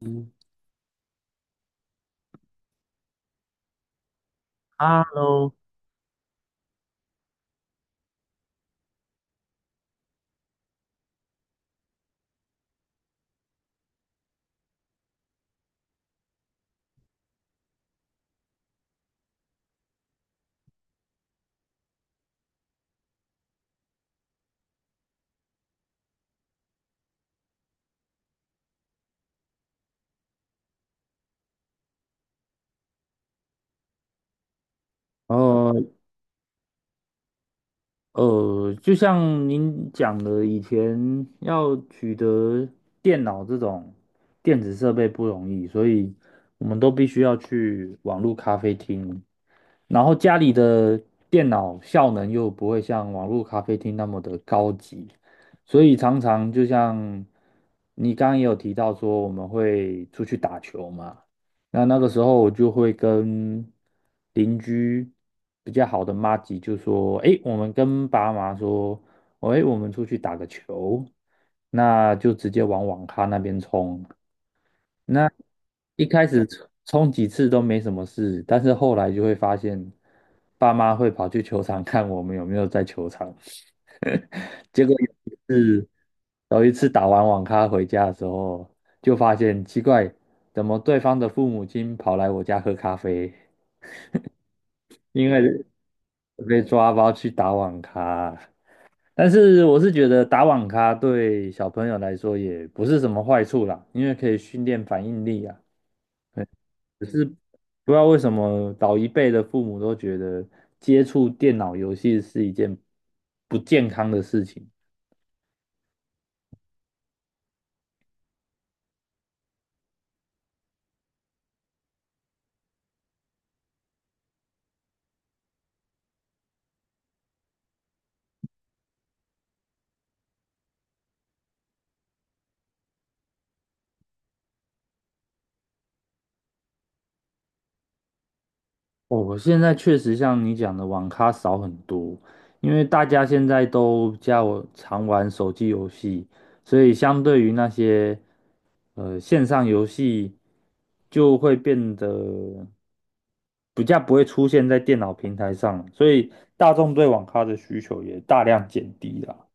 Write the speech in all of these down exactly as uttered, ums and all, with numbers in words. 嗯 Hello，呃呃，就像您讲的，以前要取得电脑这种电子设备不容易，所以我们都必须要去网络咖啡厅，然后家里的电脑效能又不会像网络咖啡厅那么的高级，所以常常就像你刚刚也有提到说，我们会出去打球嘛。那那个时候我就会跟邻居比较好的妈吉就说：“诶，我们跟爸妈说，哦诶，我们出去打个球，那就直接往网咖那边冲。那一开始冲冲几次都没什么事，但是后来就会发现，爸妈会跑去球场看我们有没有在球场。结果有一次，有一次打完网咖回家的时候，就发现奇怪，怎么对方的父母亲跑来我家喝咖啡？因为被抓包去打网咖。但是我是觉得打网咖对小朋友来说也不是什么坏处啦，因为可以训练反应力啊。对，不知道为什么老一辈的父母都觉得接触电脑游戏是一件不健康的事情。我现在确实像你讲的，网咖少很多，因为大家现在都加我常玩手机游戏，所以相对于那些呃线上游戏，就会变得比较不会出现在电脑平台上了，所以大众对网咖的需求也大量减低了。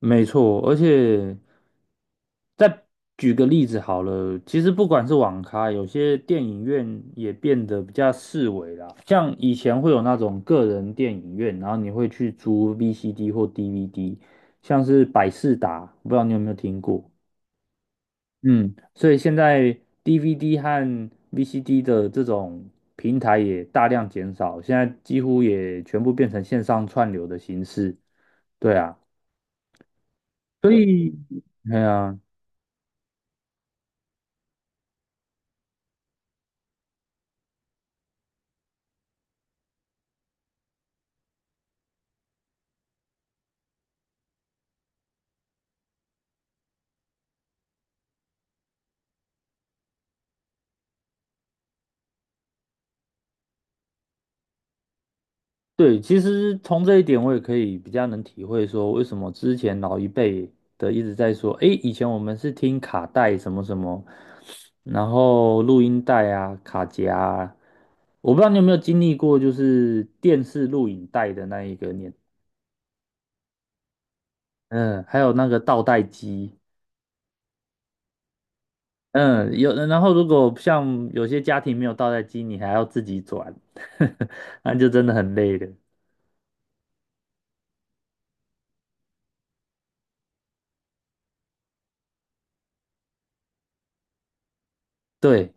没错，而且再举个例子好了，其实不管是网咖，有些电影院也变得比较四维啦。像以前会有那种个人电影院，然后你会去租 V C D 或 D V D,像是百视达，不知道你有没有听过？嗯，所以现在 D V D 和 V C D 的这种平台也大量减少，现在几乎也全部变成线上串流的形式。对啊，所以，对啊。对，其实从这一点我也可以比较能体会说，为什么之前老一辈的一直在说，诶，以前我们是听卡带什么什么，然后录音带啊、卡夹啊，我不知道你有没有经历过，就是电视录影带的那一个年，嗯，还有那个倒带机，嗯，有，然后如果像有些家庭没有倒带机，你还要自己转，那就真的很累了。对。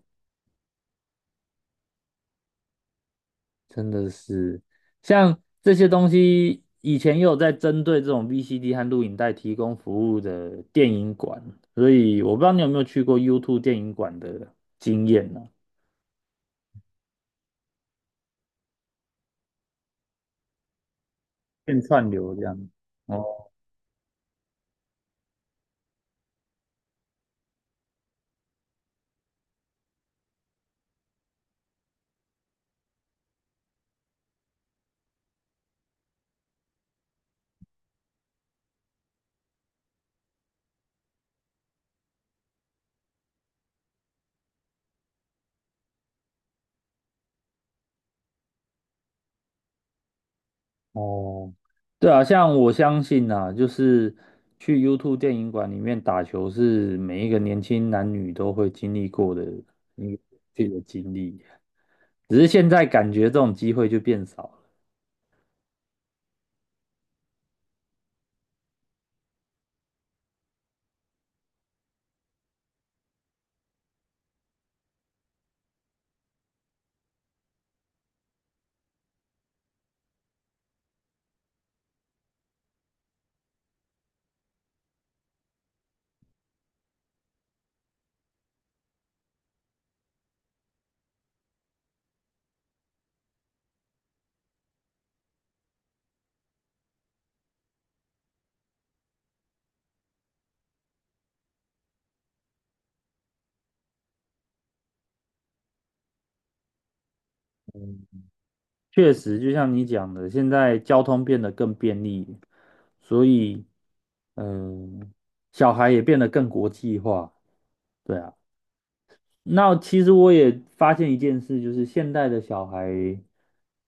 真的是，像这些东西，以前也有在针对这种 V C D 和录影带提供服务的电影馆，所以我不知道你有没有去过 YouTube 电影馆的经验呢、变串流这样。哦哦，对啊，像我相信啊，就是去 YouTube 电影馆里面打球是每一个年轻男女都会经历过的一个自己的经历，只是现在感觉这种机会就变少了。确实，就像你讲的，现在交通变得更便利，所以，嗯、小孩也变得更国际化。对啊，那其实我也发现一件事，就是现代的小孩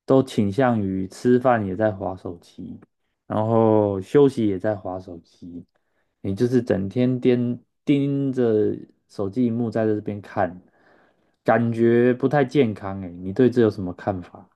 都倾向于吃饭也在划手机，然后休息也在划手机，你就是整天盯盯着手机荧幕在这边看，感觉不太健康诶，你对这有什么看法？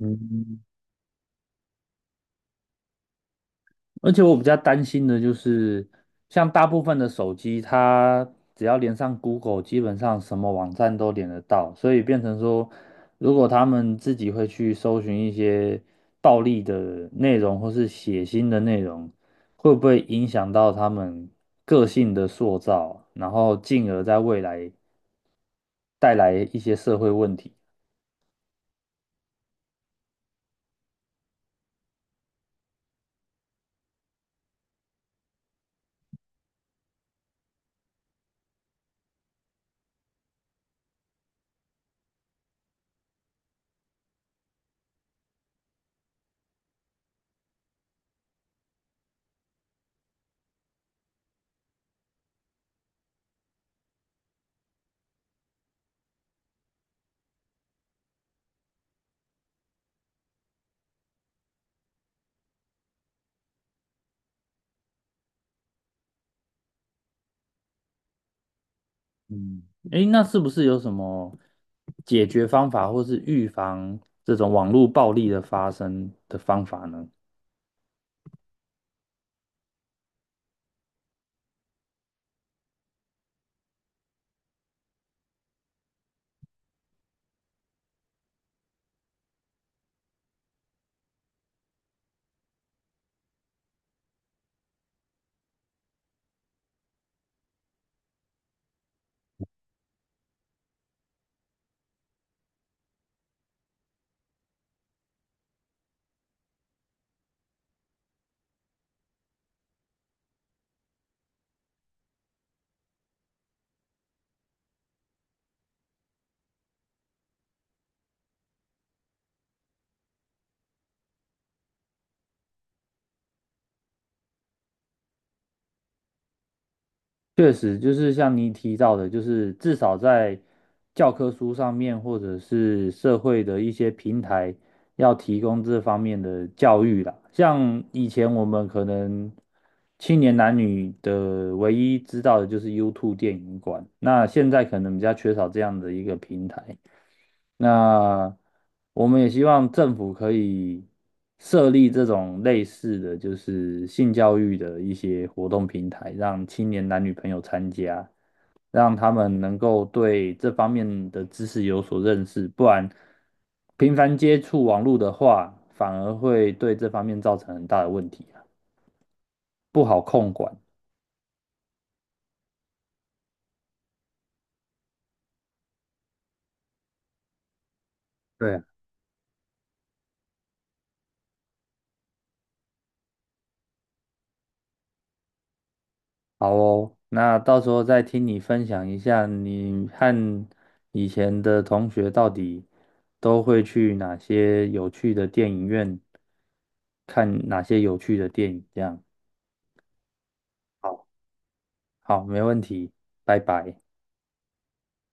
嗯，而且我比较担心的就是，像大部分的手机，它只要连上 Google,基本上什么网站都连得到，所以变成说，如果他们自己会去搜寻一些暴力的内容或是血腥的内容，会不会影响到他们个性的塑造，然后进而在未来带来一些社会问题？嗯，诶，那是不是有什么解决方法，或是预防这种网络暴力的发生的方法呢？确实，就是像你提到的，就是至少在教科书上面，或者是社会的一些平台，要提供这方面的教育啦。像以前我们可能青年男女的唯一知道的就是 YouTube 电影馆，那现在可能比较缺少这样的一个平台。那我们也希望政府可以设立这种类似的就是性教育的一些活动平台，让青年男女朋友参加，让他们能够对这方面的知识有所认识，不然频繁接触网络的话，反而会对这方面造成很大的问题啊，不好管。对。好哦，那到时候再听你分享一下，你和以前的同学到底都会去哪些有趣的电影院看哪些有趣的电影，这样。好，好，没问题，拜拜。